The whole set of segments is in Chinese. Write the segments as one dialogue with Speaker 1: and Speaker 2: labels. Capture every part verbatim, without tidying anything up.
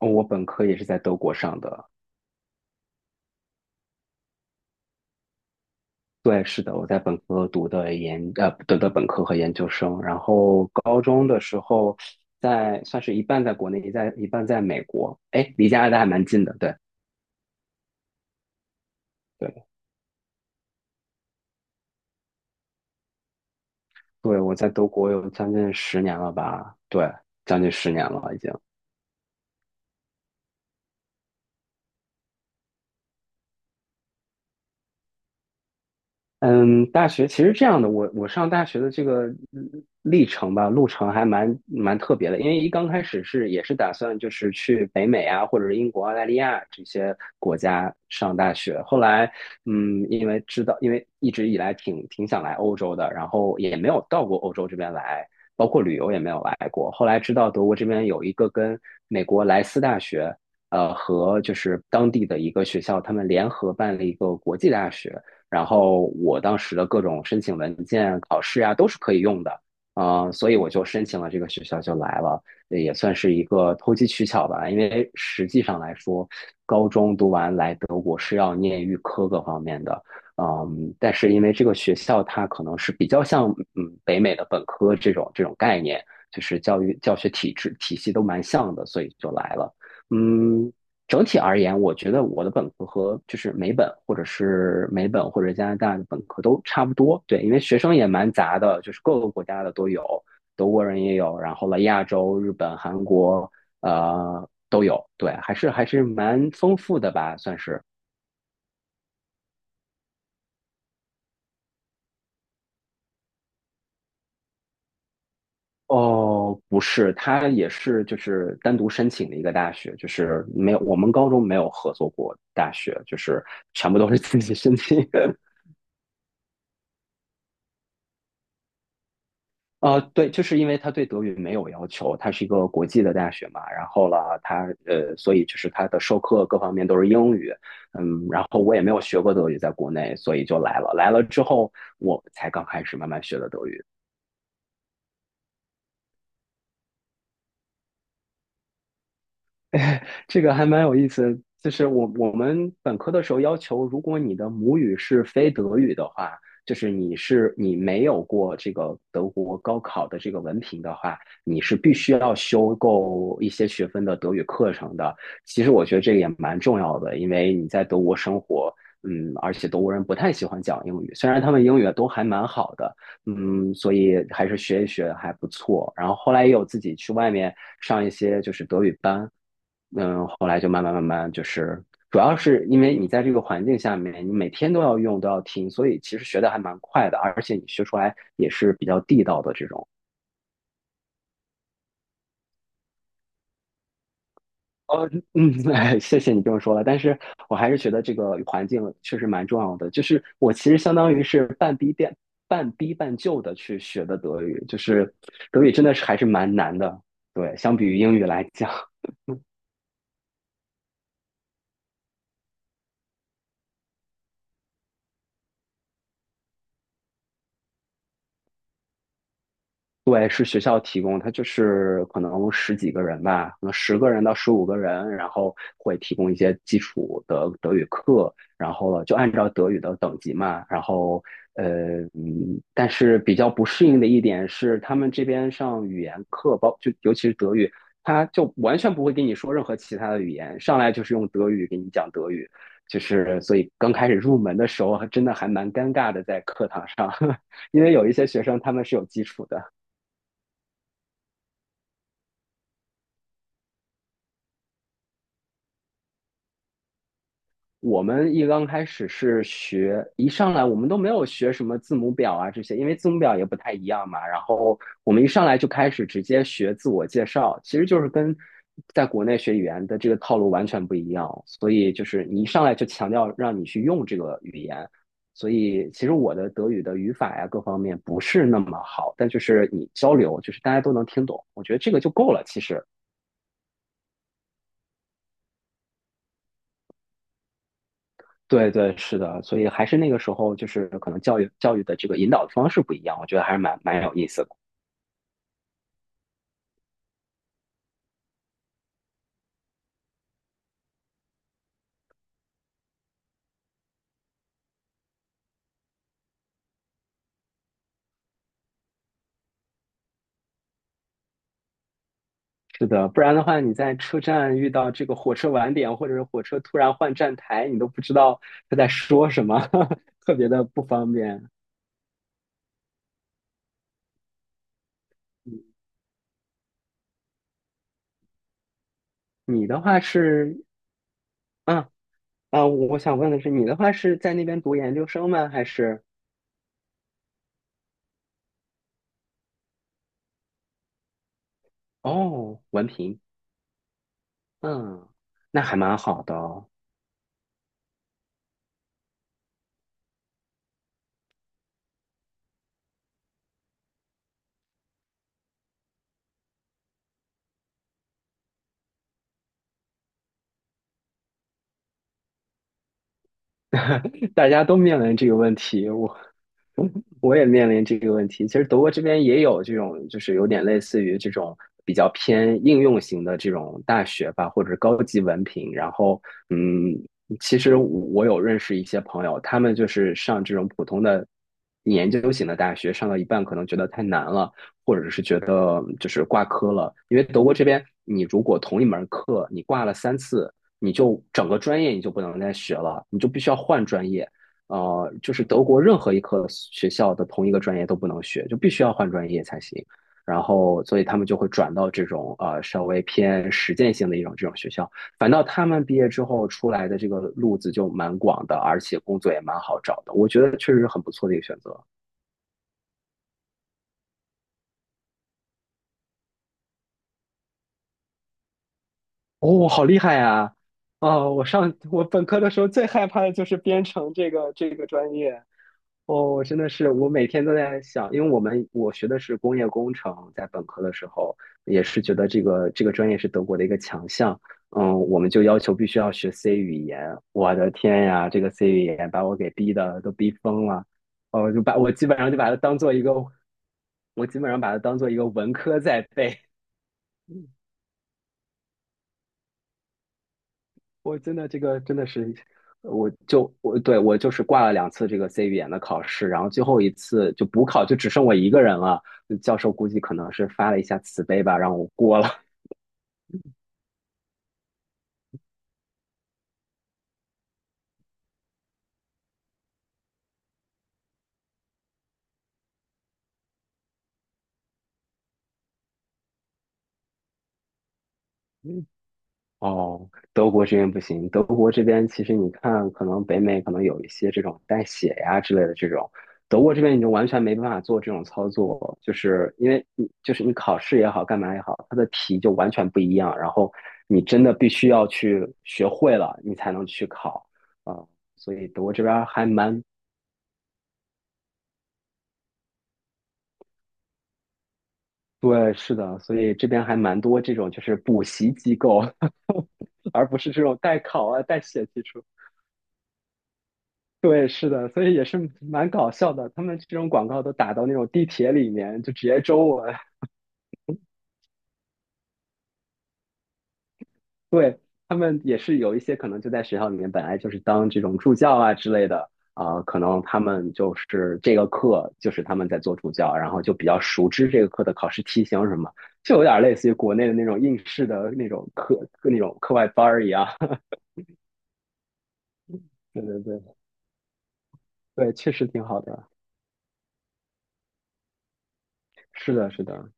Speaker 1: 哦我本科也是在德国上的，对，是的，我在本科读的研，呃，读的本科和研究生，然后高中的时候在算是一半在国内，一在一半在美国，哎，离加拿大还蛮近的，对，对，对，我在德国有将近十年了吧，对，将近十年了已经。嗯，大学其实这样的，我我上大学的这个嗯历程吧，路程还蛮蛮特别的，因为一刚开始是也是打算就是去北美啊，或者是英国、澳大利亚这些国家上大学，后来嗯，因为知道，因为一直以来挺挺想来欧洲的，然后也没有到过欧洲这边来，包括旅游也没有来过，后来知道德国这边有一个跟美国莱斯大学。呃，和就是当地的一个学校，他们联合办了一个国际大学，然后我当时的各种申请文件、考试啊，都是可以用的，嗯、所以我就申请了这个学校就来了，也算是一个投机取巧吧。因为实际上来说，高中读完来德国是要念预科各方面的，嗯，但是因为这个学校它可能是比较像嗯北美的本科这种这种概念，就是教育教学体制体系都蛮像的，所以就来了。嗯，整体而言，我觉得我的本科和就是美本或者是美本或者加拿大的本科都差不多。对，因为学生也蛮杂的，就是各个国家的都有，德国人也有，然后了亚洲、日本、韩国，呃，都有。对，还是还是蛮丰富的吧，算是。哦，不是，他也是就是单独申请的一个大学，就是没有我们高中没有合作过大学，就是全部都是自己申请。呃，对，就是因为他对德语没有要求，它是一个国际的大学嘛，然后了，他呃，所以就是他的授课各方面都是英语，嗯，然后我也没有学过德语，在国内，所以就来了，来了之后我才刚开始慢慢学的德语。这个还蛮有意思的就是我我们本科的时候要求，如果你的母语是非德语的话，就是你是你没有过这个德国高考的这个文凭的话，你是必须要修够一些学分的德语课程的。其实我觉得这个也蛮重要的，因为你在德国生活，嗯，而且德国人不太喜欢讲英语，虽然他们英语都还蛮好的，嗯，所以还是学一学还不错。然后后来也有自己去外面上一些就是德语班。嗯，后来就慢慢慢慢就是，主要是因为你在这个环境下面，你每天都要用，都要听，所以其实学的还蛮快的，而且你学出来也是比较地道的这种。哦，嗯，哎，谢谢你这么说了，但是我还是觉得这个环境确实蛮重要的。就是我其实相当于是半逼变半逼半就的去学的德语，就是德语真的是还是蛮难的，对，相比于英语来讲。对，是学校提供，它就是可能十几个人吧，可能十个人到十五个人，然后会提供一些基础的德语课，然后了就按照德语的等级嘛，然后呃，嗯，但是比较不适应的一点是，他们这边上语言课，包就尤其是德语，他就完全不会跟你说任何其他的语言，上来就是用德语给你讲德语，就是所以刚开始入门的时候，还真的还蛮尴尬的，在课堂上，因为有一些学生他们是有基础的。我们一刚开始是学，一上来我们都没有学什么字母表啊这些，因为字母表也不太一样嘛。然后我们一上来就开始直接学自我介绍，其实就是跟在国内学语言的这个套路完全不一样。所以就是你一上来就强调让你去用这个语言，所以其实我的德语的语法呀各方面不是那么好，但就是你交流，就是大家都能听懂，我觉得这个就够了，其实。对对，是的，所以还是那个时候，就是可能教育教育的这个引导方式不一样，我觉得还是蛮蛮有意思的。是的，不然的话，你在车站遇到这个火车晚点，或者是火车突然换站台，你都不知道他在说什么，特别的不方便。嗯你的话是，啊啊，我想问的是，你的话是在那边读研究生吗？还是哦，文凭？嗯，那还蛮好的哦。大家都面临这个问题，我我也面临这个问题。其实德国这边也有这种，就是有点类似于这种比较偏应用型的这种大学吧，或者是高级文凭。然后，嗯，其实我有认识一些朋友，他们就是上这种普通的研究型的大学，上到一半可能觉得太难了，或者是觉得就是挂科了。因为德国这边，你如果同一门课你挂了三次，你就整个专业你就不能再学了，你就必须要换专业。呃，就是德国任何一科学校的同一个专业都不能学，就必须要换专业才行。然后，所以他们就会转到这种呃稍微偏实践性的一种这种学校。反倒他们毕业之后出来的这个路子就蛮广的，而且工作也蛮好找的。我觉得确实是很不错的一个选择。哦，好厉害呀！哦，我上我本科的时候最害怕的就是编程这个这个专业。哦，真的是，我每天都在想，因为我们我学的是工业工程，在本科的时候也是觉得这个这个专业是德国的一个强项，嗯，我们就要求必须要学 C 语言，我的天呀，这个 C 语言把我给逼的都逼疯了，哦，就把我基本上就把它当做一个，我基本上把它当做一个文科在背，我真的这个真的是，我就我对我就是挂了两次这个 C 语言的考试，然后最后一次就补考，就只剩我一个人了。教授估计可能是发了一下慈悲吧，让我过了。嗯哦，德国这边不行。德国这边其实你看，可能北美可能有一些这种带血呀之类的这种，德国这边你就完全没办法做这种操作，就是因为你就是你考试也好，干嘛也好，它的题就完全不一样，然后你真的必须要去学会了，你才能去考啊。所以德国这边还蛮，对，是的，所以这边还蛮多这种就是补习机构，而不是这种代考啊、代写题出。对，是的，所以也是蛮搞笑的。他们这种广告都打到那种地铁里面，就直接中文。对，他们也是有一些可能就在学校里面，本来就是当这种助教啊之类的啊、可能他们就是这个课就是他们在做助教，然后就比较熟知这个课的考试题型什么，就有点类似于国内的那种应试的那种课那种课外班儿一样。对对对对，确实挺好的。是的，是的，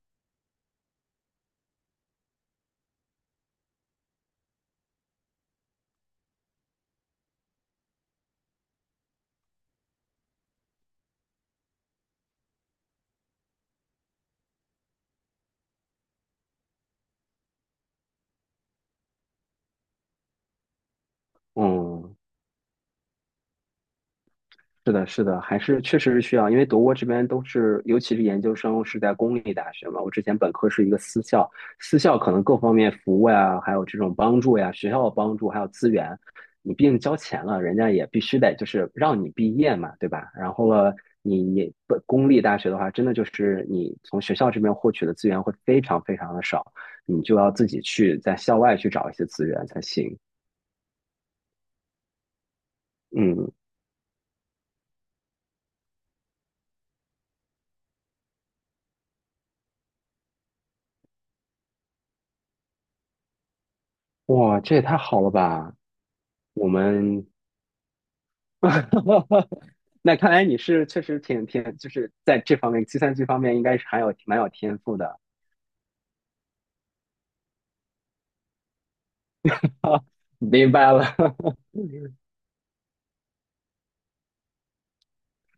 Speaker 1: 嗯。是的，是的，还是确实是需要，因为德国这边都是，尤其是研究生是在公立大学嘛。我之前本科是一个私校，私校可能各方面服务呀，还有这种帮助呀，学校的帮助还有资源，你毕竟交钱了，人家也必须得就是让你毕业嘛，对吧？然后了，你你本公立大学的话，真的就是你从学校这边获取的资源会非常非常的少，你就要自己去在校外去找一些资源才行。嗯，哇，这也太好了吧！我们 那看来你是确实挺挺，就是在这方面计算机方面应该是还有蛮有天赋的。明白了，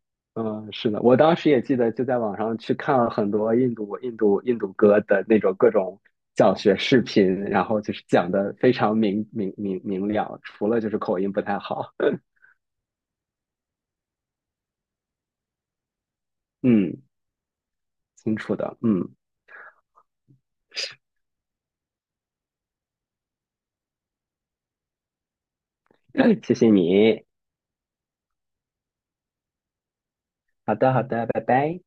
Speaker 1: 嗯，是的，我当时也记得就在网上去看了很多印度印度印度歌的那种各种教学视频，然后就是讲的非常明明明明了，除了就是口音不太好，嗯，清楚的，嗯，谢谢你，好的好的，拜拜。